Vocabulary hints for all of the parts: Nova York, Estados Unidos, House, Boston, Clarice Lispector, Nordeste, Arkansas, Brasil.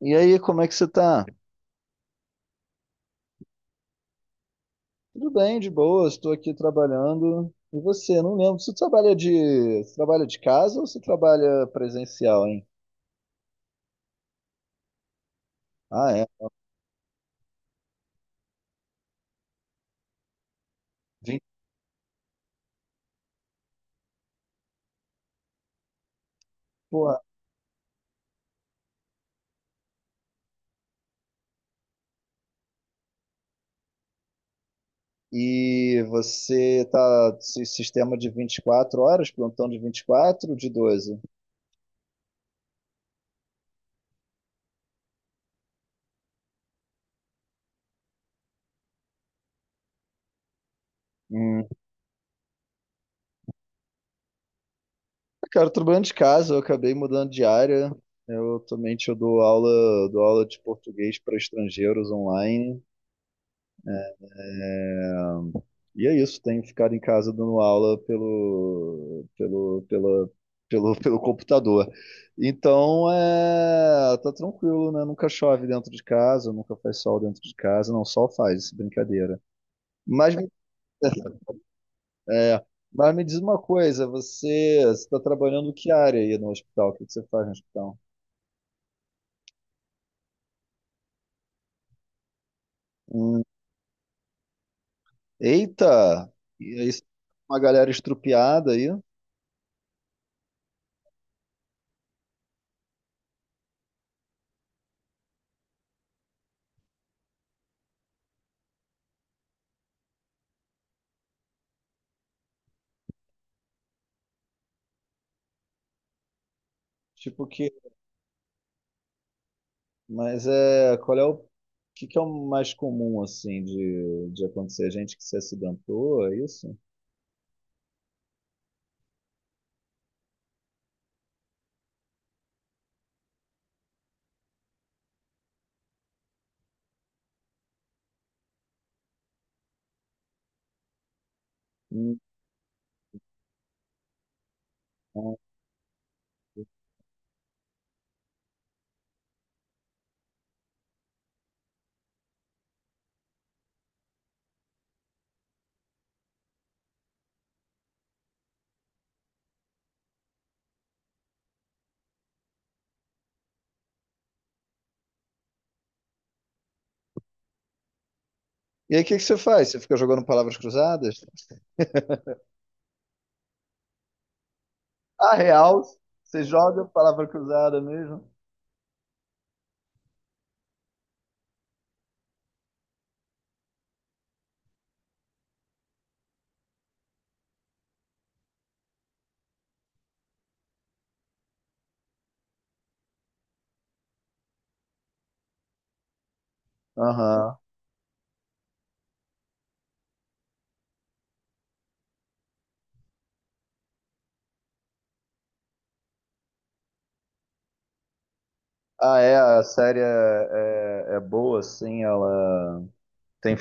E aí, como é que você tá? Tudo bem, de boa, estou aqui trabalhando. E você? Não lembro. Você trabalha de casa ou você trabalha presencial, hein? Ah, é. 20, porra. E você tá esse sistema de 24 horas, plantão de 24, de 12? Hum. Cara, eu trabalhando de casa, eu acabei mudando de área. Eu também eu dou aula de português para estrangeiros online. E é isso, tenho ficado em casa dando aula pelo computador. Então, é, tá tranquilo, né? Nunca chove dentro de casa, nunca faz sol dentro de casa, não, sol faz, brincadeira. Mas, me- é, mas me diz uma coisa, você está trabalhando que área aí no hospital? O que que você faz no hospital? Hum, eita! E aí, uma galera estrupiada aí, tipo que Mas é, qual é o que que é o mais comum assim de acontecer? Gente que se acidentou, é isso? Hum, hum. E aí o que que você faz? Você fica jogando palavras cruzadas? Ah, real? Você joga palavra cruzada mesmo? Aham. Ah, é, a série é boa, assim, ela tem...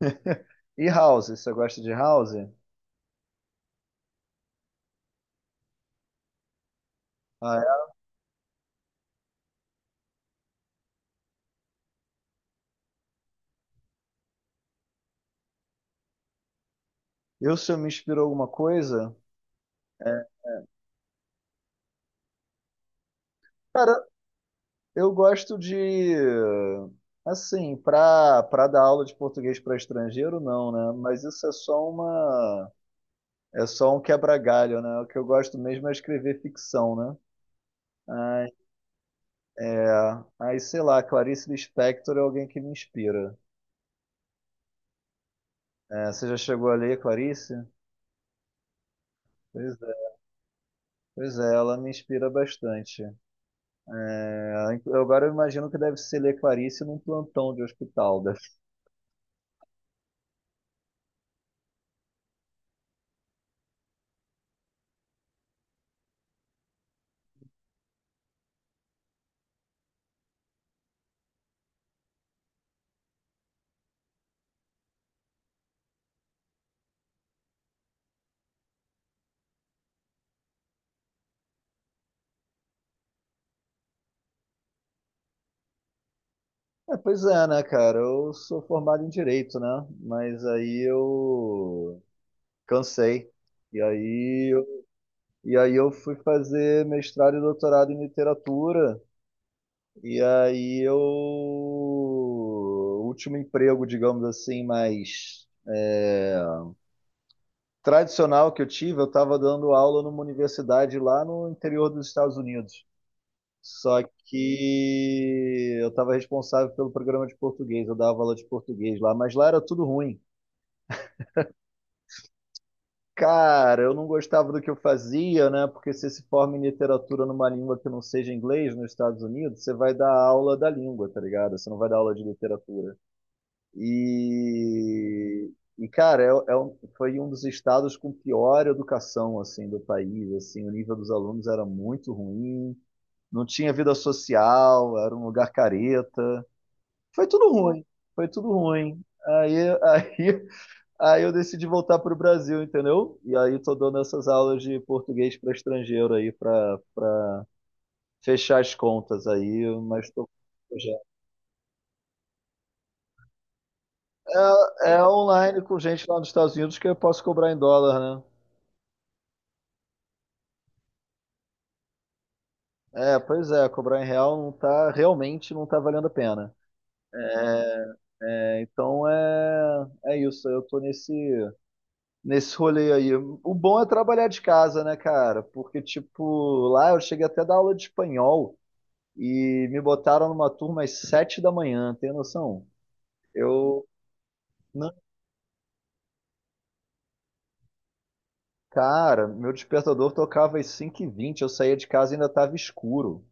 E House, você gosta de House? Ah, é? Se eu me inspirou alguma coisa? É. Cara, eu gosto de, assim, para dar aula de português para estrangeiro, não, né? Mas isso é só um quebra-galho, né? O que eu gosto mesmo é escrever ficção, né? Ai, é. Aí, sei lá, Clarice Lispector é alguém que me inspira. É, você já chegou a ler Clarice? Pois é, pois é, ela me inspira bastante. É, eu agora eu imagino que deve ser ler Clarice num plantão de hospital, né? É, pois é, né, cara? Eu sou formado em direito, né? Mas aí eu cansei. E aí eu, e aí eu fui fazer mestrado e doutorado em literatura. E aí eu. O último emprego, digamos assim, mais tradicional que eu tive, eu estava dando aula numa universidade lá no interior dos Estados Unidos. Só que eu estava responsável pelo programa de português, eu dava aula de português lá, mas lá era tudo ruim. Cara, eu não gostava do que eu fazia, né? Porque se forma em literatura numa língua que não seja inglês nos Estados Unidos, você vai dar aula da língua, tá ligado? Você não vai dar aula de literatura. E, e cara, foi um dos estados com pior educação, assim, do país, assim, o nível dos alunos era muito ruim, não tinha vida social, era um lugar careta. Foi tudo ruim, foi tudo ruim. Aí eu decidi voltar para o Brasil, entendeu? E aí tô dando essas aulas de português para estrangeiro aí, para fechar as contas aí, mas tô... É, online com gente lá nos Estados Unidos que eu posso cobrar em dólar, né? É, pois é, cobrar em real não tá, realmente não tá valendo a pena. É, então é isso, eu tô nesse rolê aí. O bom é trabalhar de casa, né, cara? Porque, tipo, lá eu cheguei até a dar aula de espanhol e me botaram numa turma às 7 da manhã, tem noção? Eu, não, cara, meu despertador tocava às 5:20, eu saía de casa e ainda estava escuro.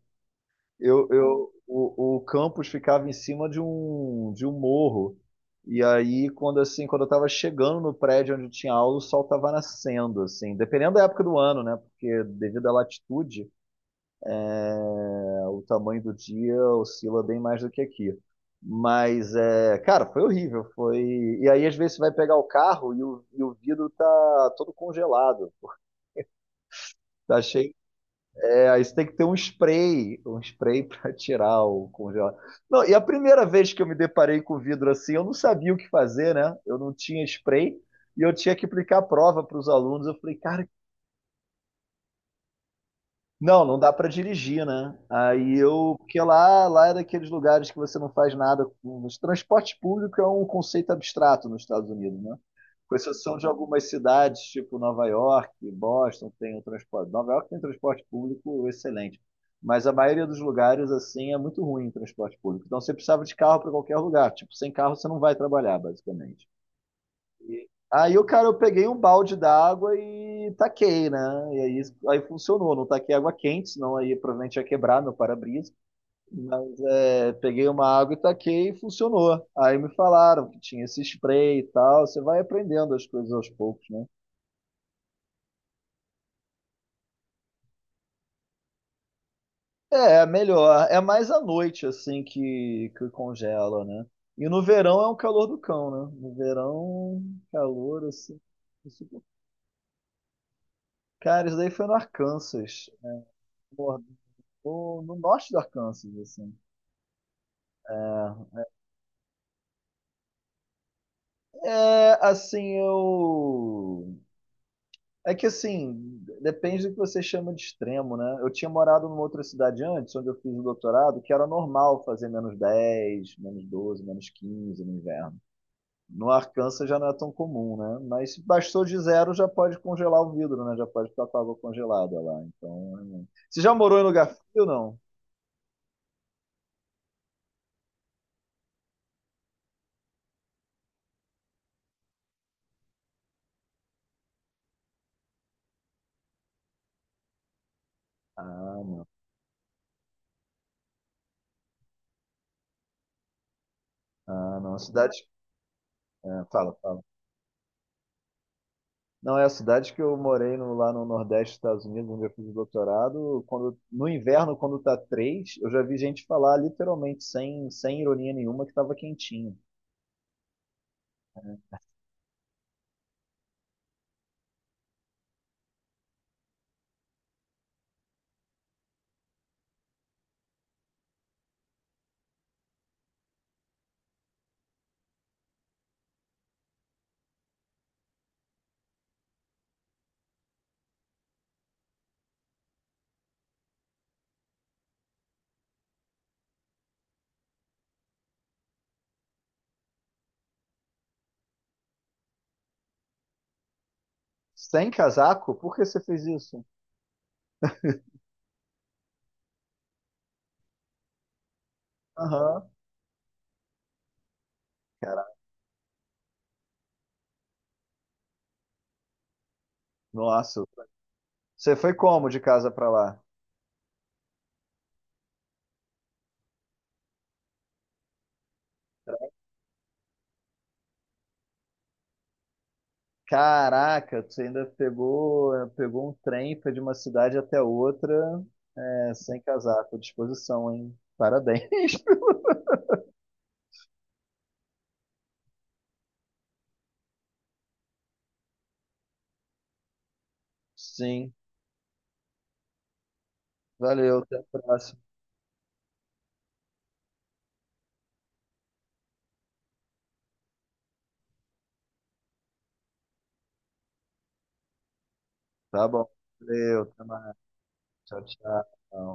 O campus ficava em cima de um morro. E aí, quando eu estava chegando no prédio onde tinha aula, o sol estava nascendo, assim, dependendo da época do ano, né? Porque devido à latitude, o tamanho do dia oscila bem mais do que aqui. Mas, cara, foi horrível. Foi... E aí, às vezes, você vai pegar o carro e o vidro tá todo congelado. Tá cheio. É, aí você tem que ter um spray para tirar o congelado. Não, e a primeira vez que eu me deparei com vidro assim, eu não sabia o que fazer, né? Eu não tinha spray e eu tinha que aplicar a prova para os alunos. Eu falei, cara, não, não dá pra dirigir, né? Porque lá, é daqueles lugares que você não faz nada com. Os transporte público é um conceito abstrato nos Estados Unidos, né? Com exceção de algumas cidades, tipo Nova York, Boston, tem o transporte. Nova York tem um transporte público excelente, mas a maioria dos lugares assim é muito ruim o transporte público. Então você precisava de carro para qualquer lugar. Tipo, sem carro você não vai trabalhar, basicamente. Aí o cara, eu peguei um balde d'água e taquei, né? E aí, funcionou. Não taquei água quente, senão aí provavelmente ia quebrar meu para-brisa. É, peguei uma água e taquei e funcionou. Aí me falaram que tinha esse spray e tal. Você vai aprendendo as coisas aos poucos, né? É, é melhor. É mais à noite, assim, que congela, né? E no verão é um calor do cão, né? No verão, calor, assim, insuportável. Cara, isso daí foi no Arkansas, no norte do Arkansas, assim. É, é, assim, eu. É que assim, depende do que você chama de extremo, né? Eu tinha morado numa outra cidade antes, onde eu fiz o doutorado, que era normal fazer -10, -12, -15 no inverno. No Arkansas já não é tão comum, né? Mas se bastou de zero, já pode congelar o vidro, né? Já pode ficar com a água congelada lá. Então, é... você já morou em lugar frio ou não? Ah, não. Ah, não. A cidade. É, fala, fala. Não, é a cidade que eu morei lá no Nordeste dos Estados Unidos, onde eu fiz o doutorado. Quando, no inverno, quando tá três, eu já vi gente falar literalmente, sem ironia nenhuma, que tava quentinho. Sem casaco? Por que você fez isso? Aham. Cara, nossa. Você foi como de casa pra lá? Caraca, você ainda pegou um trem foi de uma cidade até outra, sem casaco. Disposição, hein? Parabéns. Sim. Valeu, até a próxima. Tá bom. Valeu, até mais. Tchau, tchau.